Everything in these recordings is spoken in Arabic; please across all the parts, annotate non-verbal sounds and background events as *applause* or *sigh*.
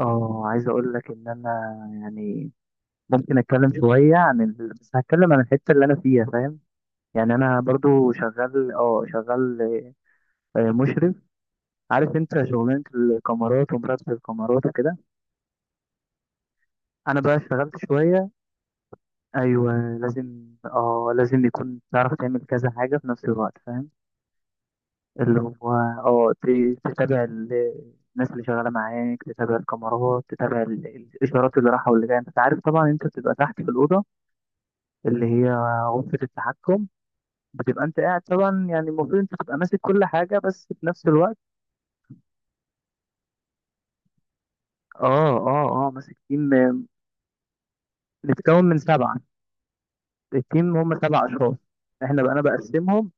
اه عايز اقول لك ان انا، يعني ممكن اتكلم شويه بس هتكلم عن الحته اللي انا فيها، فاهم؟ يعني انا برضو شغال، مشرف. عارف انت شغلانه الكاميرات ومراقبه الكاميرات وكده. انا بقى اشتغلت شويه. ايوه، لازم يكون تعرف تعمل كذا حاجه في نفس الوقت، فاهم؟ اللي هو تتابع الناس اللي شغاله معاك، تتابع الكاميرات، تتابع الاشارات اللي رايحه واللي جايه. انت عارف طبعا، انت بتبقى تحت في الاوضه اللي هي غرفة التحكم. بتبقى انت قاعد طبعا، يعني المفروض انت تبقى ماسك كل حاجة، بس في نفس الوقت اه ماسك تيم، متكون من سبعة. التيم هم سبع اشخاص. احنا بقى انا بقسمهم،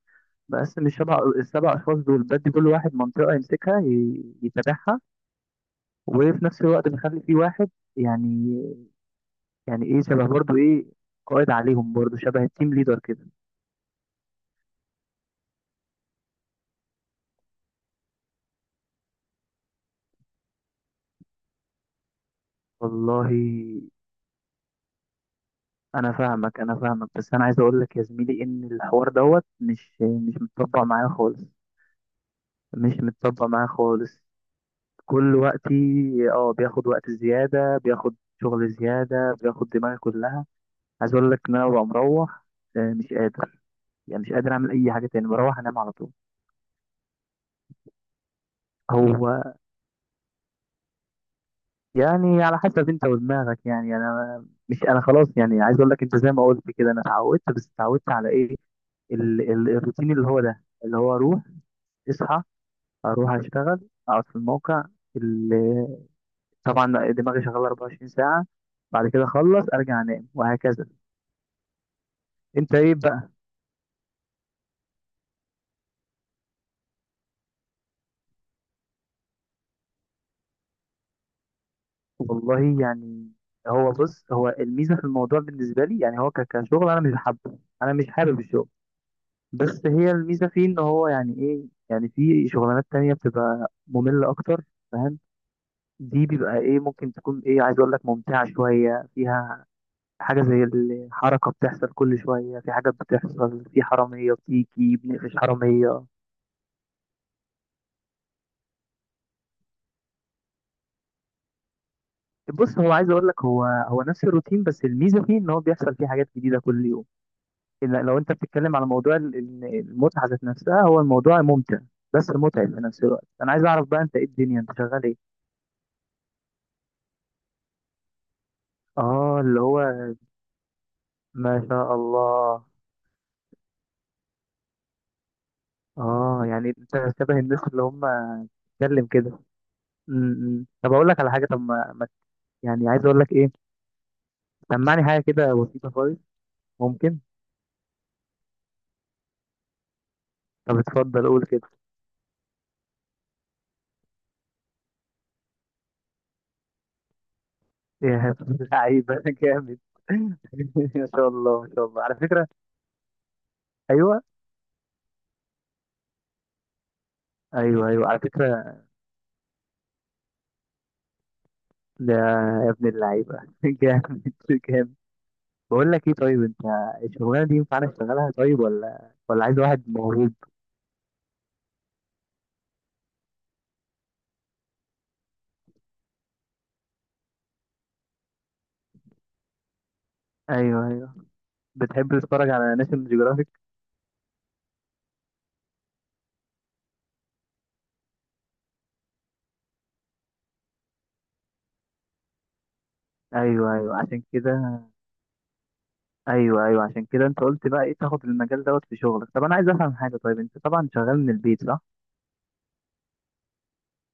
بقسم السبع اشخاص دول، بدي كل واحد منطقة يمسكها يتابعها. وفي نفس الوقت بخلي في واحد، يعني يعني ايه، شبه برضو، ايه، قائد عليهم، برضو شبه التيم ليدر كده. والله انا فاهمك، انا فاهمك، بس انا عايز اقول لك يا زميلي ان الحوار دوت مش متطبق معايا خالص. مش متطبق معايا خالص. كل وقتي. اه بياخد وقت زياده، بياخد شغل زياده، بياخد دماغي كلها. عايز اقول لك ان انا ببقى مروح، مش قادر، يعني مش قادر اعمل اي حاجه تاني، بروح انام على طول. هو، يعني على حسب انت ودماغك، يعني انا مش انا خلاص، يعني عايز اقول لك انت زي ما قلت كده، انا اتعودت، بس اتعودت على ايه؟ الروتين اللي هو ده، اللي هو اروح، اصحى، اروح اشتغل، اقعد في الموقع اللي، طبعا دماغي شغاله 24 ساعه، بعد كده اخلص ارجع انام وهكذا. انت ايه بقى؟ والله يعني، بص، هو الميزه في الموضوع بالنسبه لي، يعني هو كشغل انا مش حابه انا مش حابب الشغل. بس هي الميزه فيه ان هو، يعني ايه، يعني في شغلانات تانية بتبقى ممله اكتر، فاهم؟ دي بيبقى ايه، ممكن تكون ايه، عايز اقول لك ممتعه شويه. فيها حاجة زي الحركة، بتحصل كل شوية في حاجات، بتحصل في حرامية بتيجي بنقفش حرامية. بص، هو عايز اقول لك، هو نفس الروتين، بس الميزة فيه ان هو بيحصل فيه حاجات جديدة كل يوم. إلا لو انت بتتكلم على موضوع المتعة ذات نفسها، هو الموضوع ممتع بس متعب في نفس الوقت. انا عايز اعرف بقى، انت ايه الدنيا، انت شغال ايه؟ اه، اللي هو، ما شاء الله. اه يعني انت شبه الناس اللي هم بتتكلم كده. م- م. طب اقول لك على حاجة. طب يعني عايز اقول لك ايه؟ سمعني حاجة كده بسيطة خالص، ممكن؟ طب اتفضل قول كده. يا لعيبة *laughs* جامد. *laughs* ما شاء الله، ما شاء الله، على فكرة. ايوه، ايوه، ايوه، على فكرة. ده يا ابن اللعيبة *laughs* جامد، جامد. بقول لك ايه، طيب انت الشغلانة دي ينفع انا اشتغلها؟ طيب، ولا عايز واحد موهوب؟ ايوه، ايوه، بتحب تتفرج على ناشونال جيوغرافيك؟ ايوه، ايوه، عشان كده. ايوه، ايوه، عشان كده انت قلت بقى ايه، تاخد المجال دوت في شغلك. طب انا عايز افهم حاجة، طيب انت طبعا شغال من البيت، صح؟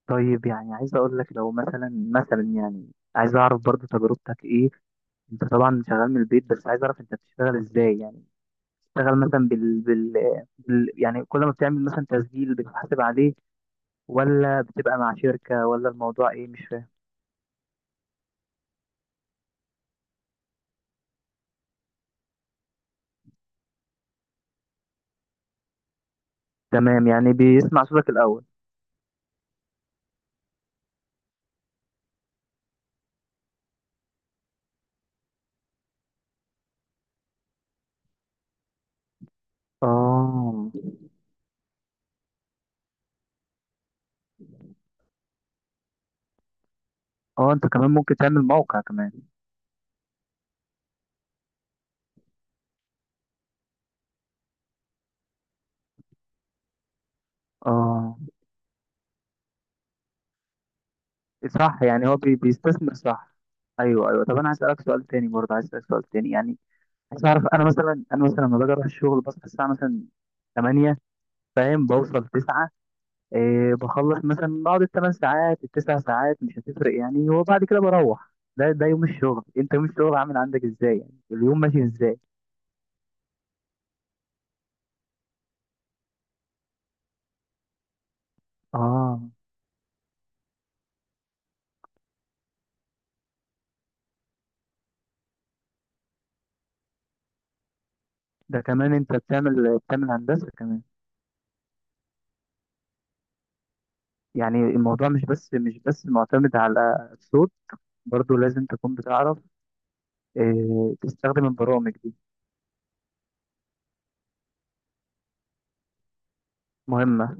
طيب، يعني عايز اقول لك لو مثلا، يعني عايز اعرف برضو تجربتك ايه. انت طبعا شغال من البيت، بس عايز اعرف انت بتشتغل ازاي. يعني بتشتغل مثلا يعني كل ما بتعمل مثلا تسجيل بتحاسب عليه؟ ولا بتبقى مع شركة؟ ولا الموضوع ايه، مش فاهم. تمام، يعني بيسمع صوتك الاول. اه اه انت كمان ممكن تعمل موقع كمان. اه، صح، يعني هو بيستثمر، صح. ايوه، ايوه، طب انا عايز اسالك سؤال تاني، برضه عايز اسالك سؤال تاني يعني. بس عارف، انا مثلا، لما باجي اروح الشغل بصحى الساعه مثلا 8، فاهم، بوصل 9. بخلص مثلا، بقعد ال 8 ساعات، ال 9 ساعات مش هتفرق يعني، وبعد كده بروح. ده يوم الشغل، انت يوم الشغل عامل عندك ازاي، يعني اليوم ماشي ازاي؟ اه، ده كمان انت بتعمل هندسه كمان؟ يعني الموضوع مش بس معتمد على الصوت. برضو لازم تكون بتعرف تستخدم البرامج دي، مهمه.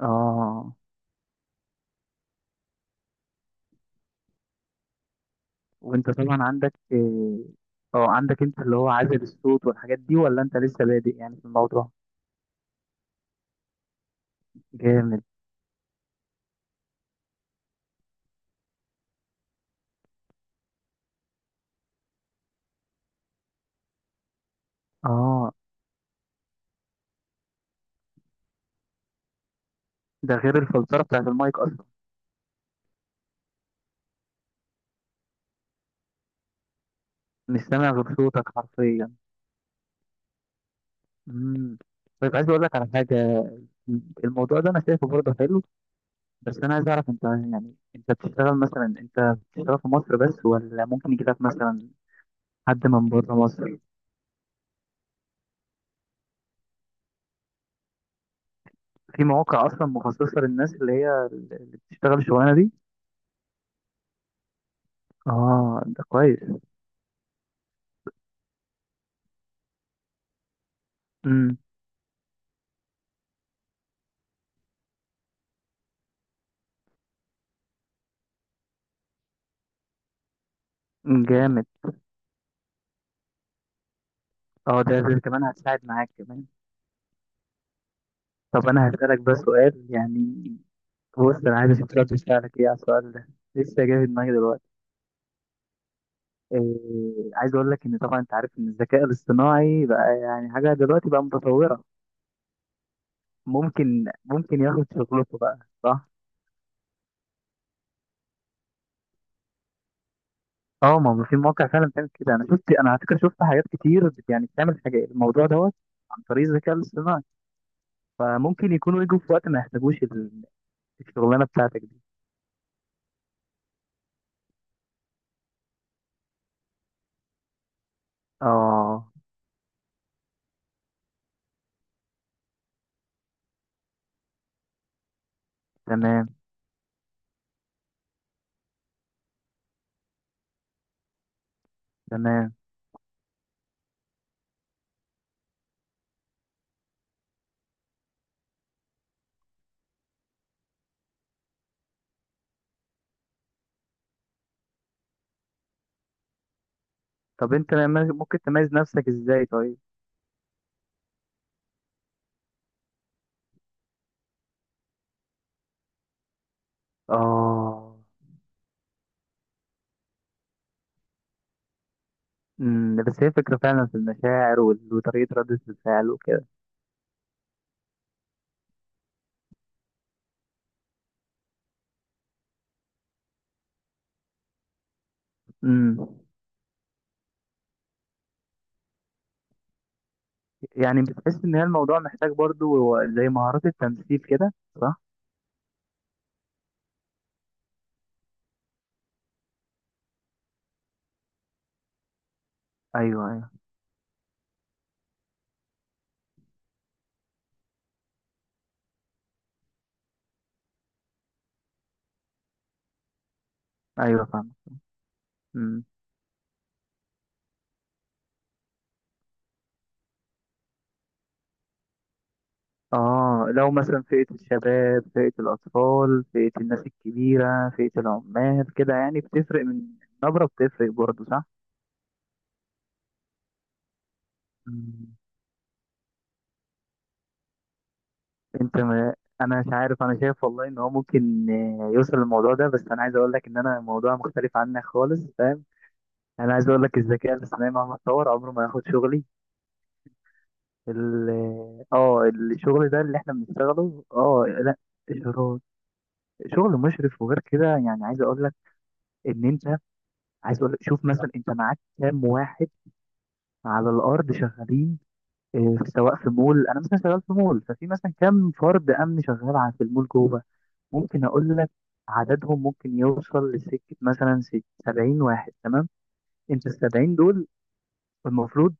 اه، وانت طبعا عندك آه، اه عندك، انت اللي هو عازل الصوت والحاجات دي، ولا انت لسه بادئ يعني في الموضوع؟ جامد. اه ده غير الفلترة بتاعت المايك اصلا. مش سامع غير صوتك حرفيا. امم طيب عايز اقول لك على حاجة. الموضوع ده انا شايفه برضه حلو. بس انا عايز اعرف انت، يعني انت بتشتغل في مصر بس، ولا ممكن يجي لك مثلا حد من بره مصر؟ في مواقع اصلا مخصصة للناس اللي بتشتغل الشغلانة دي؟ اه، ده كويس. امم جامد، اه، ده كمان هتساعد معاك كمان. طب انا هسألك بس سؤال، يعني بص، انا عايز اشوف رد فعلك ايه على السؤال ده، لسه جاي في دماغي دلوقتي. إيه عايز اقول لك ان طبعا انت عارف ان الذكاء الاصطناعي بقى، يعني حاجه دلوقتي بقى متطوره. ممكن ياخد شغلته بقى، صح؟ اه، ما هو في مواقع فعلا بتعمل كده. انا على فكره شفت حاجات كتير، يعني بتعمل حاجه، الموضوع دوت عن طريق الذكاء الاصطناعي. فممكن يكونوا يجوا في وقت ما يحتاجوش الشغلانه بتاعتك دي. اه، تمام، تمام. طب انت ممكن تميز نفسك ازاي، طيب؟ اه. بس هي فكرة فعلا في المشاعر وطريقة ردة الفعل وكده. امم يعني بتحس ان هي الموضوع محتاج برضو زي مهارات التمثيل كده، صح؟ ايوه، ايوه، ايوه، فاهم. امم اه لو مثلا فئة الشباب، فئة الأطفال، فئة الناس الكبيرة، فئة العمال كده، يعني بتفرق من النبرة، بتفرق برضو، صح. مم. انت ما انا مش عارف، انا شايف والله ان هو ممكن، يوصل للموضوع ده، بس انا عايز اقول لك ان انا الموضوع مختلف عنك خالص، فاهم. انا عايز اقول لك، الذكاء الاصطناعي مهما اتطور عمره ما هياخد شغلي. الشغل ده اللي احنا بنشتغله، اه، لا. شغل شغل مشرف، وغير كده يعني عايز اقول لك ان انت عايز اقول لك، شوف مثلا، انت معاك كام واحد على الارض شغالين، سواء في مول، انا مثلا شغال في مول، ففي مثلا كام فرد امن شغال في المول جوه. ممكن اقول لك عددهم ممكن يوصل لسكه مثلا 70 واحد، تمام. انت ال 70 دول المفروض،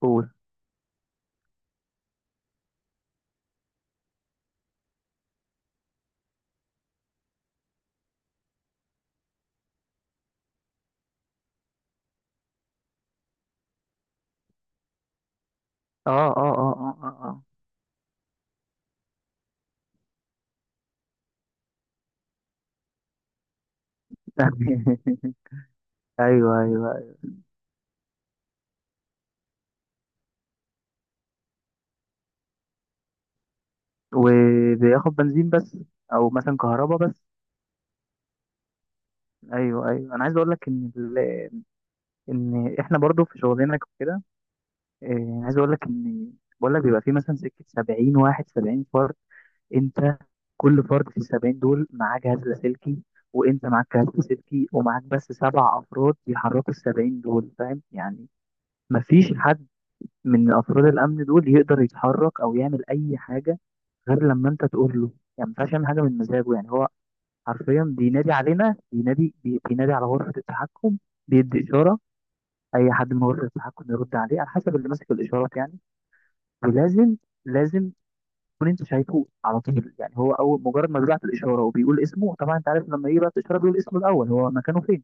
قول. اه، اه، اه، اه، اه، آه. *laughs* ايوه، ايوه، وبياخد بنزين بس، او مثلا كهرباء بس. ايوه، ايوه، انا عايز اقول لك ان ان احنا برضو في شغلنا كده، عايز اقول لك بقول لك، بيبقى في مثلا سكه 70 واحد، 70 فرد. انت كل فرد في ال 70 دول معاه جهاز لاسلكي، وانت معاك جهاز لاسلكي، ومعاك بس سبع افراد بيحركوا ال 70 دول، فاهم يعني؟ مفيش حد من افراد الامن دول يقدر يتحرك او يعمل اي حاجه غير لما انت تقول له. يعني ما ينفعش يعمل حاجه من مزاجه. يعني هو حرفيا بينادي علينا، بينادي على غرفه التحكم، بيدي اشاره. اي حد من غرفه التحكم يرد عليه، على حسب اللي ماسك الاشارات يعني. ولازم لازم تكون انت شايفه على طول، يعني هو اول مجرد ما بيبعت الاشاره وبيقول اسمه. طبعا انت عارف، لما يبعت الاشاره بيقول اسمه الاول، هو مكانه فين،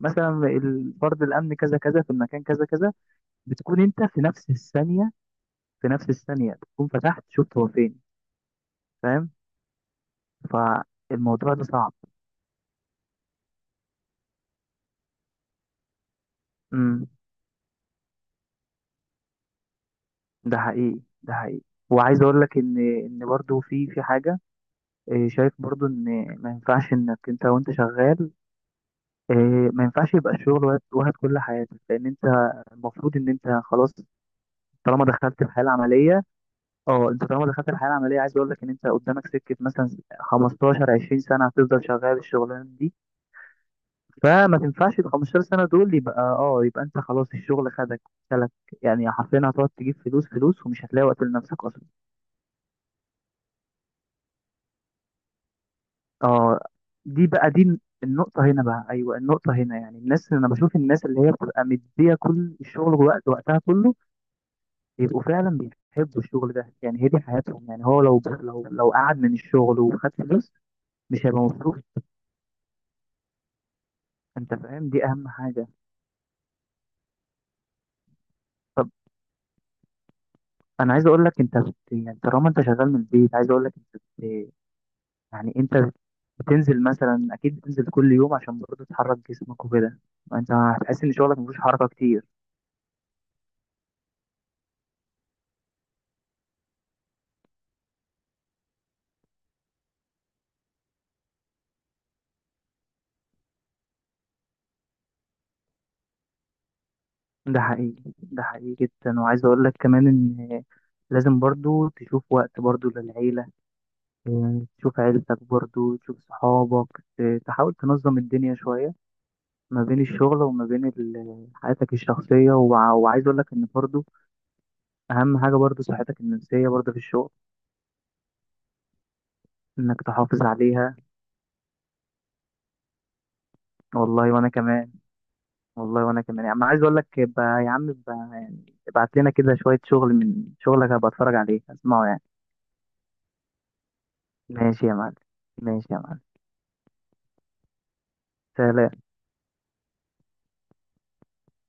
مثلا الفرد الامن كذا كذا في المكان كذا كذا. بتكون انت في نفس الثانية تكون فتحت شفت هو فين، فاهم. فالموضوع ده صعب. امم ده حقيقي، ده حقيقي. وعايز اقول لك ان برضو في حاجة، شايف برضو، ان ما ينفعش انك انت وانت شغال إيه، ما ينفعش يبقى الشغل واخد كل حياتك، لان انت المفروض ان انت خلاص طالما دخلت الحياة العملية. اه انت طالما دخلت الحياة العملية، عايز اقول لك ان انت قدامك سكة مثلا 15 20 سنة هتفضل شغال الشغلانة دي. فما تنفعش ال 15 سنة دول، يبقى انت خلاص الشغل خدك، سلك. يعني حرفيا هتقعد تجيب فلوس فلوس، ومش هتلاقي وقت لنفسك اصلا. اه، دي النقطة هنا بقى، ايوه، النقطة هنا يعني، انا بشوف الناس اللي هي بتبقى مدية كل الشغل وقتها كله، بيبقوا فعلا بيحبوا الشغل ده، يعني هي دي حياتهم. يعني هو لو قعد من الشغل وخد فلوس مش هيبقى مبسوط. انت فاهم، دي اهم حاجة. طب انا عايز اقول لك، انت يعني طالما انت شغال من البيت، عايز اقول لك يعني انت بتنزل مثلا، اكيد بتنزل كل يوم عشان برضه تحرك جسمك وكده. انت هتحس ان شغلك مفيهوش حركة كتير. ده حقيقي، ده حقيقي جدا. وعايز اقول لك كمان ان لازم برضه تشوف وقت برضه للعيلة، يعني تشوف عيلتك، برضه تشوف صحابك، تحاول تنظم الدنيا شوية ما بين الشغل وما بين حياتك الشخصية. وعايز اقول لك ان برضه اهم حاجة برضه صحتك النفسية برضه في الشغل، انك تحافظ عليها. والله وانا كمان، والله وانا كمان يعني، عايز اقول لك يبقى، يا عم يبقى يعني، ابعت لنا كده شوية شغل من شغلك هبقى اتفرج عليه، اسمعه يعني. ماشي يا معلم. ماشي يا معلم. سلام.